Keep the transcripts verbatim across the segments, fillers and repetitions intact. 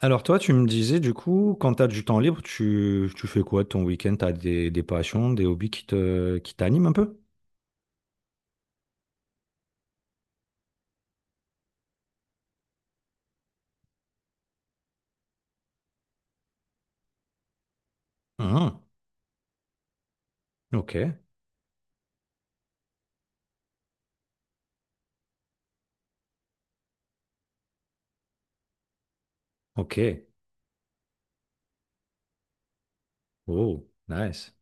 Alors toi, tu me disais du coup, quand tu as du temps libre, tu, tu fais quoi de ton week-end? Tu as des, des passions, des hobbies qui te, qui t'animent un peu? Ah, ok, ok. Oh, nice.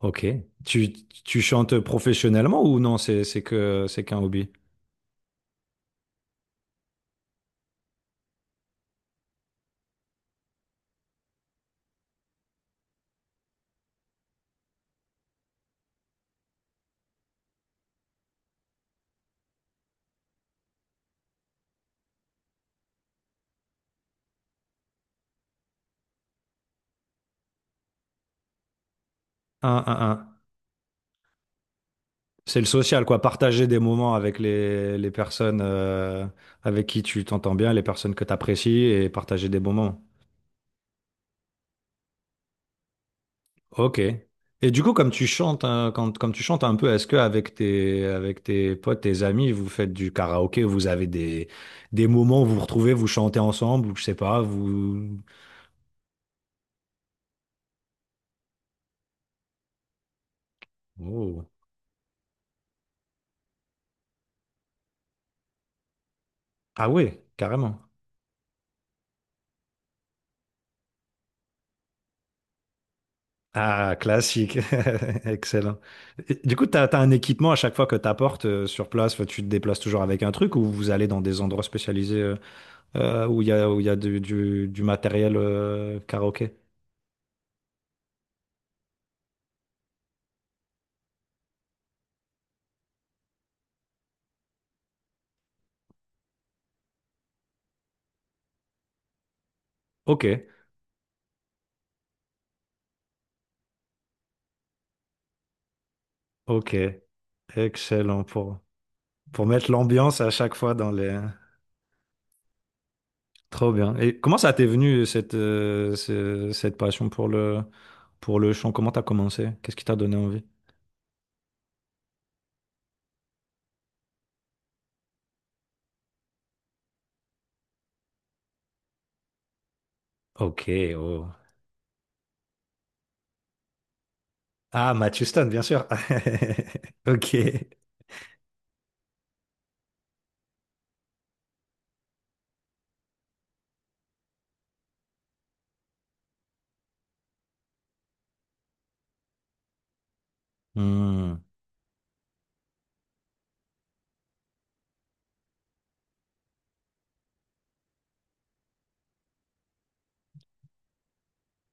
Ok. Tu, tu chantes professionnellement ou non? C'est, c'est que, c'est qu'un hobby. Un, un, un. C'est le social, quoi. Partager des moments avec les, les personnes euh, avec qui tu t'entends bien, les personnes que tu apprécies et partager des moments. Ok. Et du coup, comme tu chantes, hein, quand, comme tu chantes un peu, est-ce que avec tes, avec tes potes, tes amis, vous faites du karaoké, vous avez des, des moments où vous vous retrouvez, vous chantez ensemble, ou je sais pas, vous. Oh. Ah ouais, carrément. Ah, classique. Excellent. Et du coup, t'as, t'as un équipement à chaque fois que t'apportes euh, sur place. Enfin, tu te déplaces toujours avec un truc, ou vous allez dans des endroits spécialisés euh, euh, où il y a, où il y a du, du, du matériel euh, karaoké? Ok, ok. Excellent pour. Pour mettre l'ambiance à chaque fois dans les… Trop bien. Et comment ça t'est venu cette, euh, ce- cette passion pour le, pour le chant? Comment t'as commencé? Qu'est-ce qui t'a donné envie? Ok, oh. Ah, Matt Houston, bien sûr. Ok. Hmm.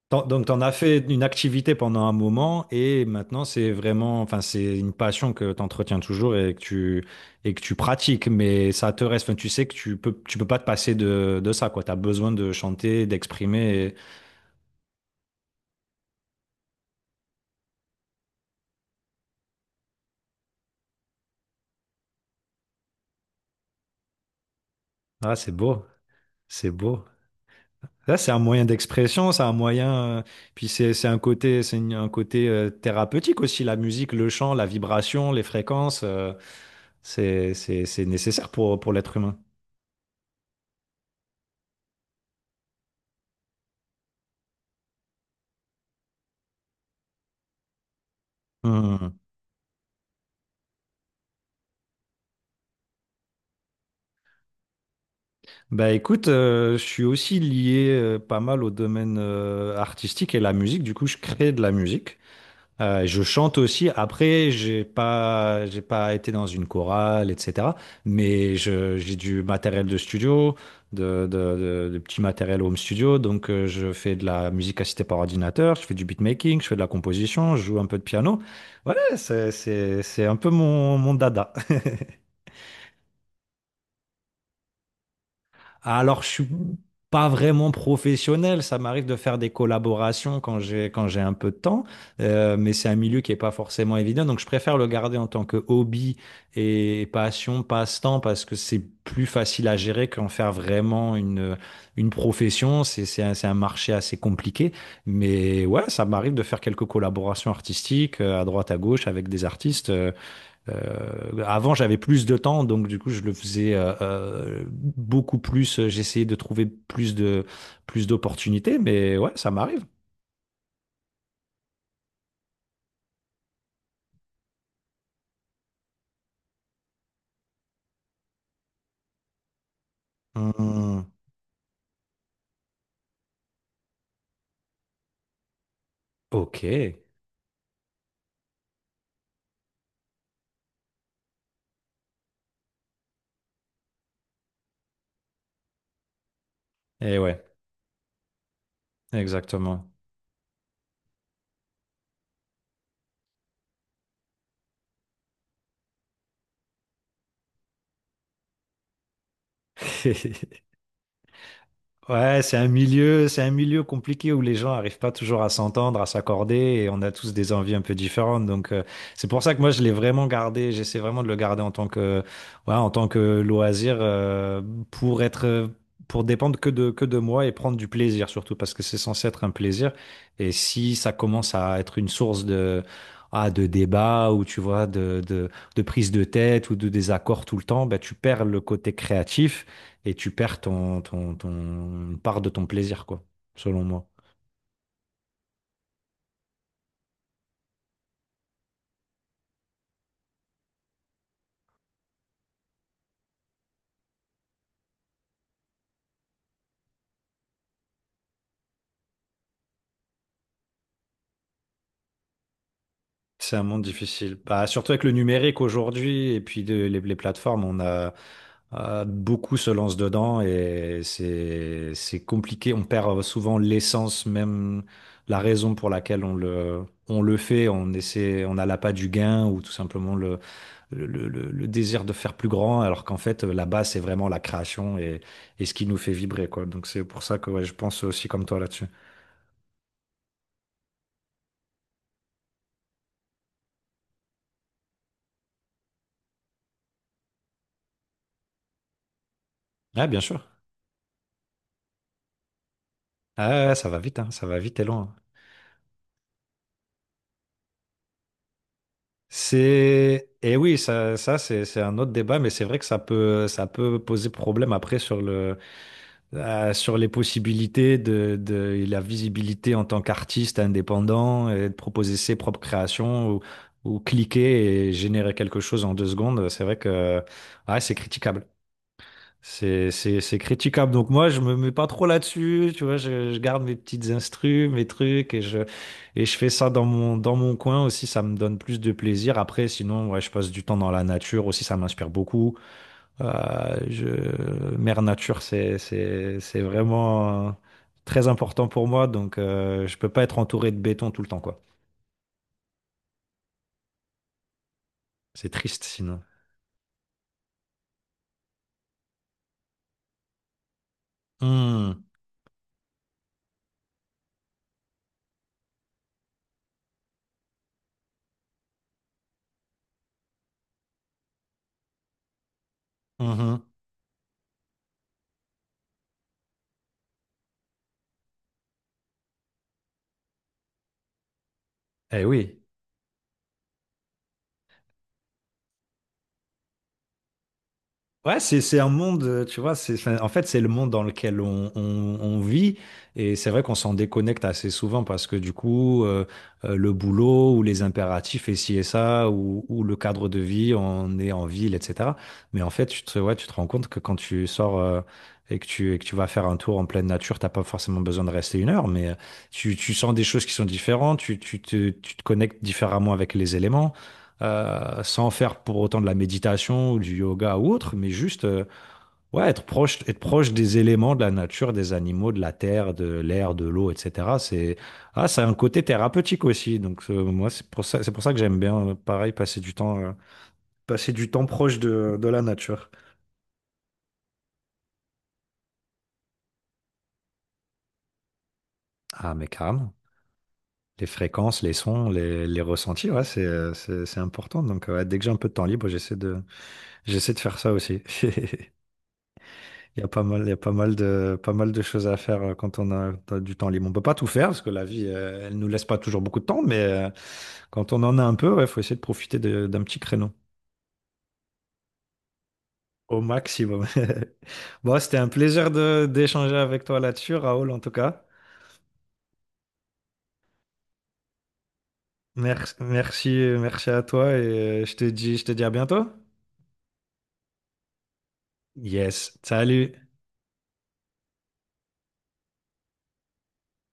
T'en- Donc, t'en as fait une activité pendant un moment et maintenant, c'est vraiment, enfin, c'est une passion que t'entretiens toujours et que tu, et que tu pratiques, mais ça te reste, enfin, tu sais que tu peux, tu peux pas te passer de, de ça, quoi. T'as besoin de chanter, d'exprimer. et- Ah, c'est beau. C'est beau. Là, c'est un moyen d'expression, c'est un moyen. Euh, puis c'est c'est un côté, c'est une- un côté euh, thérapeutique aussi. La musique, le chant, la vibration, les fréquences, euh, c'est c'est c'est nécessaire pour pour l'être humain. Hmm. Bah écoute, euh, je suis aussi lié euh, pas mal au domaine euh, artistique et la musique. Du coup, je crée de la musique. Euh, je chante aussi. Après, j'ai pas, j'ai pas été dans une chorale, et cetera. Mais je- j'ai du matériel de studio, de, de, de, de petits matériels home studio. Donc, euh, je fais de la musique assistée par ordinateur, je fais du beatmaking, je fais de la composition, je joue un peu de piano. Voilà, c'est, c'est, c'est un peu mon, mon dada. Alors, je suis pas vraiment professionnel. Ça m'arrive de faire des collaborations quand j'ai quand j'ai un peu de temps. Euh, mais c'est un milieu qui est pas forcément évident. Donc, je préfère le garder en tant que hobby et passion, passe-temps, parce que c'est plus facile à gérer qu'en faire vraiment une une profession. C'est c'est un, c'est un marché assez compliqué, mais ouais, ça m'arrive de faire quelques collaborations artistiques euh, à droite à gauche avec des artistes. Euh, euh, avant, j'avais plus de temps, donc du coup, je le faisais euh, euh, beaucoup plus. euh, J'essayais de trouver plus de plus d'opportunités, mais ouais, ça m'arrive. Hmm. Ok. Et ouais, exactement. Ouais, c'est un milieu, c'est un milieu compliqué où les gens n'arrivent pas toujours à s'entendre, à s'accorder, et on a tous des envies un peu différentes. Donc euh, c'est pour ça que moi je l'ai vraiment gardé, j'essaie vraiment de le garder en tant que, ouais, en tant que loisir euh, pour être, pour dépendre que de que de moi et prendre du plaisir surtout parce que c'est censé être un plaisir. Et si ça commence à être une source de ah, de débat ou tu vois de, de de prise de tête ou de désaccord tout le temps, ben tu perds le côté créatif et tu perds ton, ton, ton une part de ton plaisir, quoi, selon moi. C'est un monde difficile. Bah, surtout avec le numérique aujourd'hui et puis de- les, les plateformes, on a euh, beaucoup se lancent dedans et c'est c'est compliqué. On perd euh, souvent l'essence, même la raison pour laquelle on le on le fait. On essaie, on a l'appât du gain ou tout simplement le le, le- le désir de faire plus grand, alors qu'en fait là-bas c'est vraiment la création et et ce qui nous fait vibrer quoi. Donc c'est pour ça que ouais, je pense aussi comme toi là-dessus. Ah, bien sûr. Ah, ouais, ouais, ça va vite, hein, ça va vite et loin. C'est et Oui, ça, ça c'est c'est un autre débat, mais c'est vrai que ça peut ça peut poser problème après sur le euh, sur les possibilités de, de et la visibilité en tant qu'artiste indépendant et de proposer ses propres créations ou, ou cliquer et générer quelque chose en deux secondes. C'est vrai que ah, c'est critiquable. C'est, c'est, c'est critiquable. Donc moi, je me mets pas trop là-dessus. Tu vois, je, je garde mes petites instrus, mes trucs, et je, et je fais ça dans mon, dans mon coin aussi. Ça me donne plus de plaisir. Après, sinon, ouais, je passe du temps dans la nature aussi. Ça m'inspire beaucoup. Euh, je, Mère nature, c'est, c'est, c'est vraiment euh, très important pour moi. Donc, euh, je peux pas être entouré de béton tout le temps, quoi. C'est triste sinon. Hum, mhm. Eh oui. Ouais, c'est c'est un monde, euh, tu vois, c'est, enfin, en fait, c'est le monde dans lequel on, on- on vit. Et c'est vrai qu'on s'en déconnecte assez souvent parce que du coup, euh, euh, le boulot ou les impératifs et ci et ça, ou, ou le cadre de vie, on est en ville, et cetera. Mais en fait, tu te, ouais, tu te rends compte que quand tu sors euh, et que tu, et que tu vas faire un tour en pleine nature, t'as pas forcément besoin de rester une heure, mais euh, tu, tu sens des choses qui sont différentes, tu, tu te, tu te connectes différemment avec les éléments euh, sans faire pour autant de la méditation ou du yoga ou autre, mais juste euh, ouais, être, proche, être proche des éléments de la nature, des animaux, de la terre, de l'air, de l'eau, et cetera. C'est ah, ça a un côté thérapeutique aussi. Donc euh, moi, c'est pour ça, c'est pour ça que j'aime bien, euh, pareil, passer du temps, euh, passer du temps proche de, de la nature. Ah, mais carrément. Les fréquences, les sons, les, les ressentis, ouais, c'est, euh, c'est, c'est important. Donc, ouais, dès que j'ai un peu de temps libre, j'essaie de, j'essaie de faire ça aussi. Il y a pas mal, il y a pas mal de, pas mal de choses à faire euh, quand on a, t'as du temps libre. On peut pas tout faire parce que la vie, euh, elle nous laisse pas toujours beaucoup de temps, mais euh, quand on en a un peu, il faut essayer de profiter de- d'un petit créneau au maximum. Bon, c'était un plaisir de d'échanger avec toi là-dessus, Raoul, en tout cas. Merci, merci, Merci à toi et euh, je te dis, je te dis à bientôt. Yes, salut.